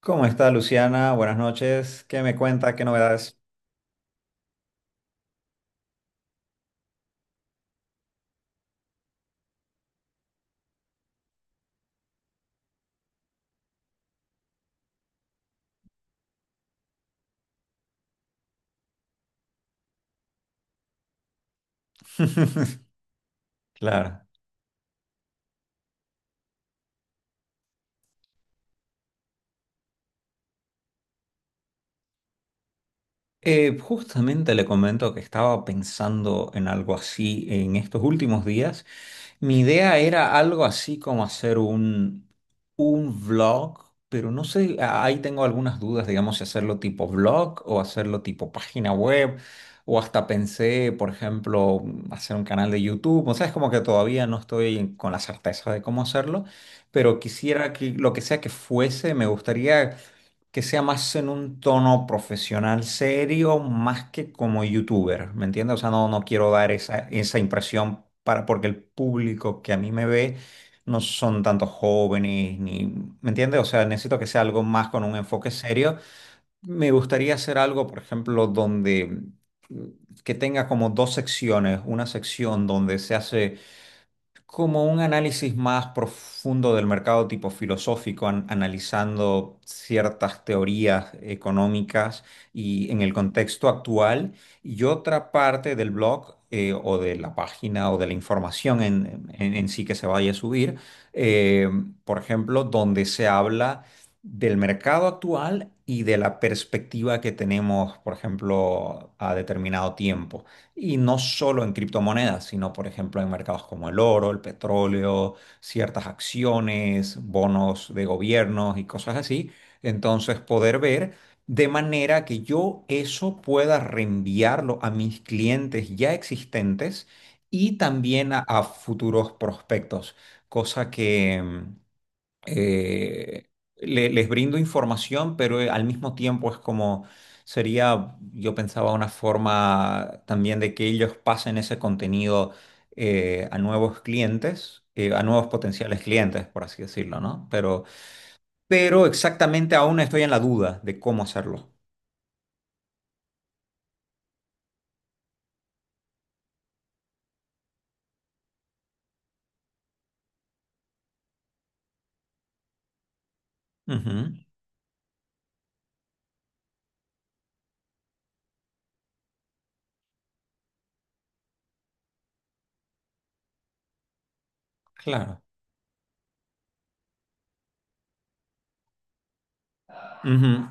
¿Cómo está Luciana? Buenas noches. ¿Qué me cuenta? ¿Qué novedades? Claro. Justamente le comento que estaba pensando en algo así en estos últimos días. Mi idea era algo así como hacer un vlog, pero no sé, ahí tengo algunas dudas, digamos, si hacerlo tipo vlog o hacerlo tipo página web, o hasta pensé, por ejemplo, hacer un canal de YouTube. O sea, es como que todavía no estoy con la certeza de cómo hacerlo, pero quisiera que lo que sea que fuese, me gustaría que sea más en un tono profesional serio, más que como youtuber, ¿me entiendes? O sea, no, no quiero dar esa impresión para, porque el público que a mí me ve no son tantos jóvenes, ni, ¿me entiendes? O sea, necesito que sea algo más con un enfoque serio. Me gustaría hacer algo, por ejemplo, donde mm, que tenga como dos secciones, una sección donde se hace como un análisis más profundo del mercado tipo filosófico, analizando ciertas teorías económicas y en el contexto actual. Y otra parte del blog o de la página o de la información en sí que se vaya a subir, eh, por ejemplo, donde se habla del mercado actual y de la perspectiva que tenemos, por ejemplo, a determinado tiempo. Y no solo en criptomonedas, sino por ejemplo en mercados como el oro, el petróleo, ciertas acciones, bonos de gobiernos y cosas así. Entonces poder ver de manera que yo eso pueda reenviarlo a mis clientes ya existentes y también a futuros prospectos, cosa que, eh, les brindo información, pero al mismo tiempo es como sería, yo pensaba, una forma también de que ellos pasen ese contenido a nuevos clientes, a nuevos potenciales clientes, por así decirlo, ¿no? Pero exactamente aún estoy en la duda de cómo hacerlo. Ujú, claro, ujú,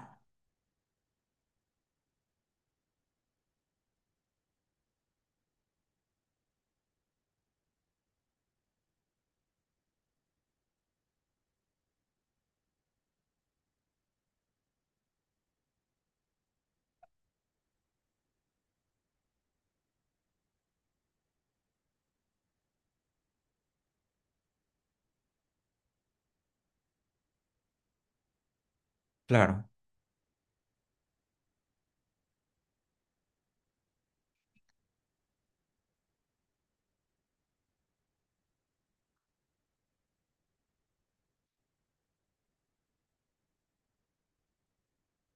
claro,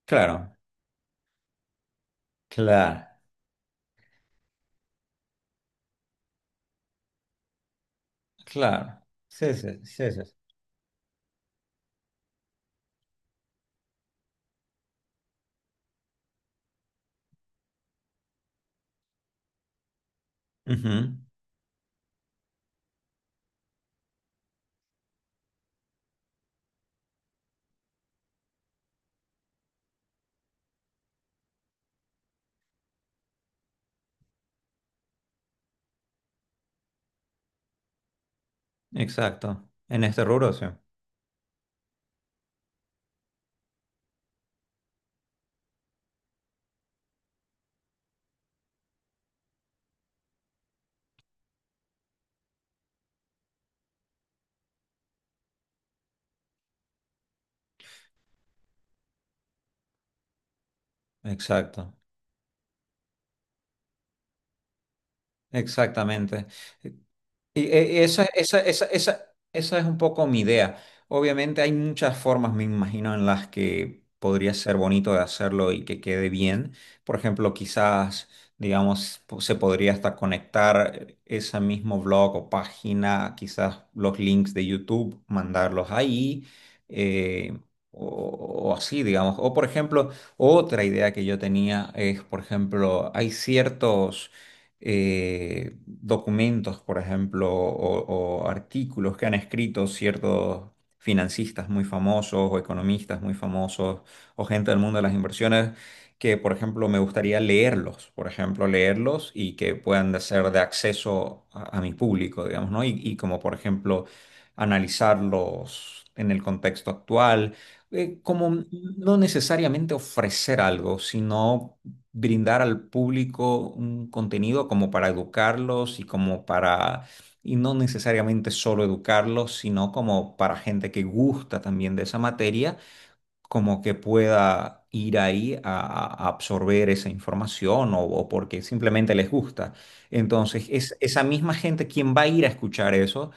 claro, claro, claro. Sí, sí, sí, sí. Ujú, exacto. En este rubro, sí. Exacto. Exactamente. Y esa es un poco mi idea. Obviamente hay muchas formas, me imagino, en las que podría ser bonito de hacerlo y que quede bien. Por ejemplo, quizás, digamos, se podría hasta conectar ese mismo blog o página, quizás los links de YouTube, mandarlos ahí. eh, O, o así, digamos. O por ejemplo, otra idea que yo tenía es, por ejemplo, hay ciertos documentos, por ejemplo, o artículos que han escrito ciertos financistas muy famosos o economistas muy famosos o gente del mundo de las inversiones que, por ejemplo, me gustaría leerlos, por ejemplo, leerlos y que puedan de ser de acceso a mi público, digamos, ¿no? Y como, por ejemplo, analizarlos en el contexto actual, como no necesariamente ofrecer algo, sino brindar al público un contenido como para educarlos y como para, y no necesariamente solo educarlos, sino como para gente que gusta también de esa materia, como que pueda ir ahí absorber esa información o porque simplemente les gusta. Entonces, es esa misma gente quien va a ir a escuchar eso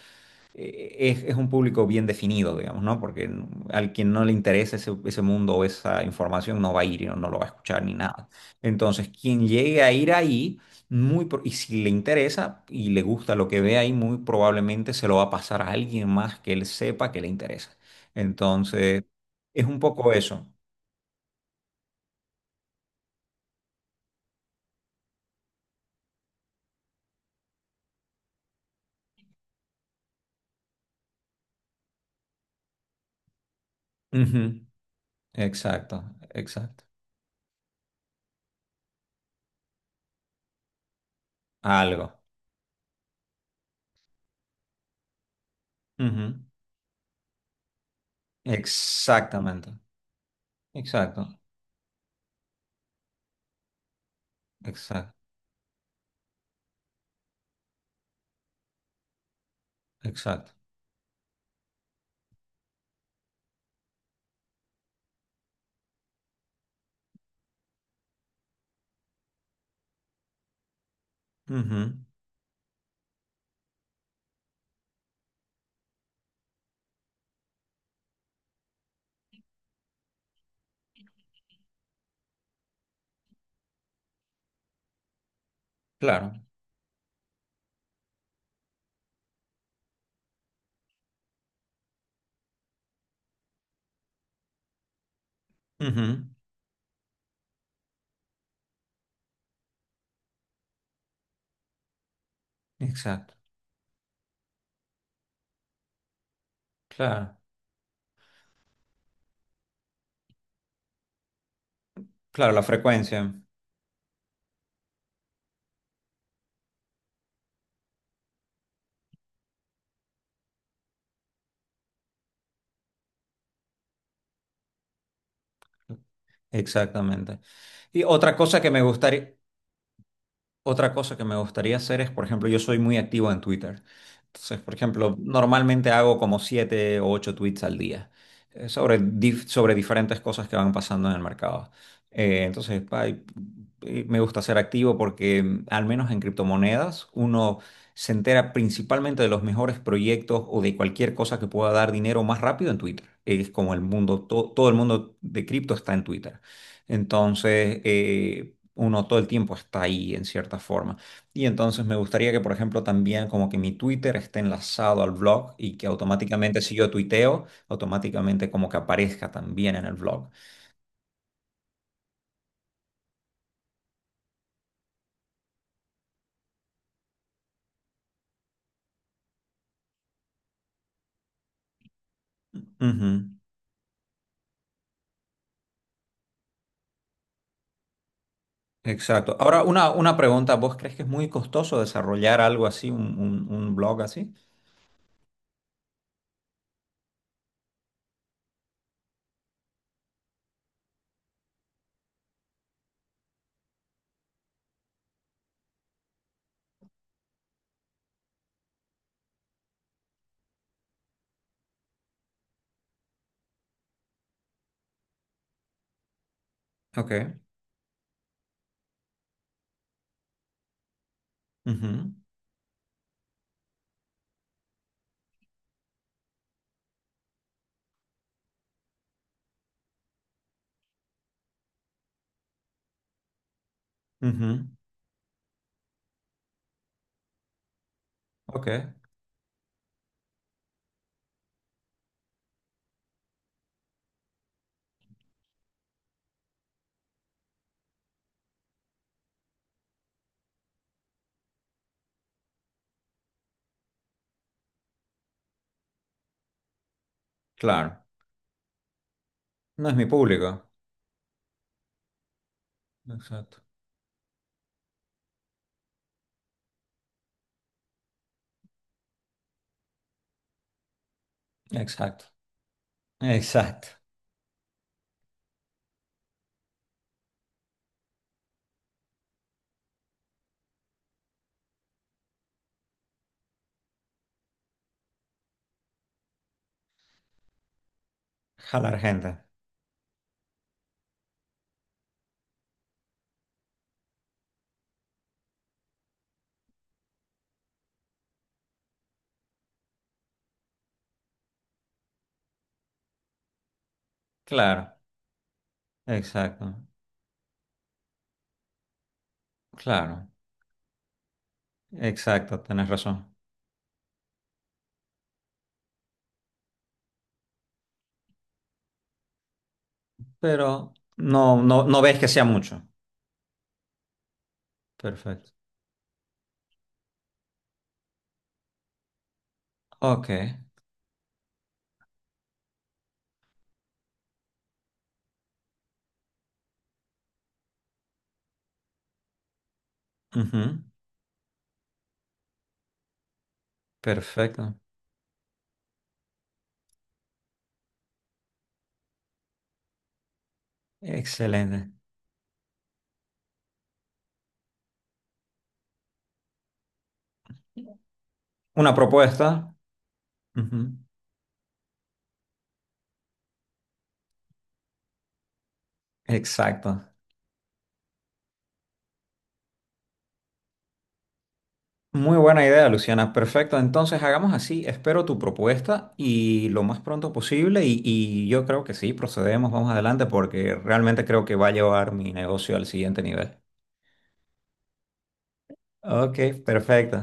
es un público bien definido, digamos, ¿no? Porque al quien no le interesa ese mundo o esa información no va a ir y no, no lo va a escuchar ni nada. Entonces, quien llegue a ir ahí, y si le interesa y le gusta lo que ve ahí, muy probablemente se lo va a pasar a alguien más que él sepa que le interesa. Entonces, es un poco eso. Ujú. Exacto, exacto. Algo. Ujú. Exactamente. Exacto, exacto, exacto. Ujú. Claro. Ujú, exacto, claro, claro, la frecuencia, exactamente. Y otra cosa que me gustaría, otra cosa que me gustaría hacer es, por ejemplo, yo soy muy activo en Twitter. Entonces, por ejemplo, normalmente hago como 7 o 8 tweets al día sobre, sobre diferentes cosas que van pasando en el mercado. Entonces, y me gusta ser activo porque, al menos en criptomonedas, uno se entera principalmente de los mejores proyectos o de cualquier cosa que pueda dar dinero más rápido en Twitter. Es como el mundo, todo el mundo de cripto está en Twitter. Entonces, uno todo el tiempo está ahí en cierta forma. Y entonces me gustaría que, por ejemplo, también como que mi Twitter esté enlazado al blog y que automáticamente si yo tuiteo, automáticamente como que aparezca también en el blog. Ujú, exacto. Ahora, una pregunta, ¿vos crees que es muy costoso desarrollar algo así, un blog así? Ok. Ujú, ujú, ok, claro. No es mi público. Exacto. Exacto. Exacto. Jalar gente. Claro. Exacto. Claro. Exacto, tenés razón. Pero no, no, no ves que sea mucho. Perfecto. Ok. Ujú. Perfecto. Excelente. Una propuesta. Ujú. Exacto. Muy buena idea, Luciana. Perfecto. Entonces hagamos así. Espero tu propuesta y lo más pronto posible. Y yo creo que sí, procedemos, vamos adelante porque realmente creo que va a llevar mi negocio al siguiente nivel. Ok, perfecto.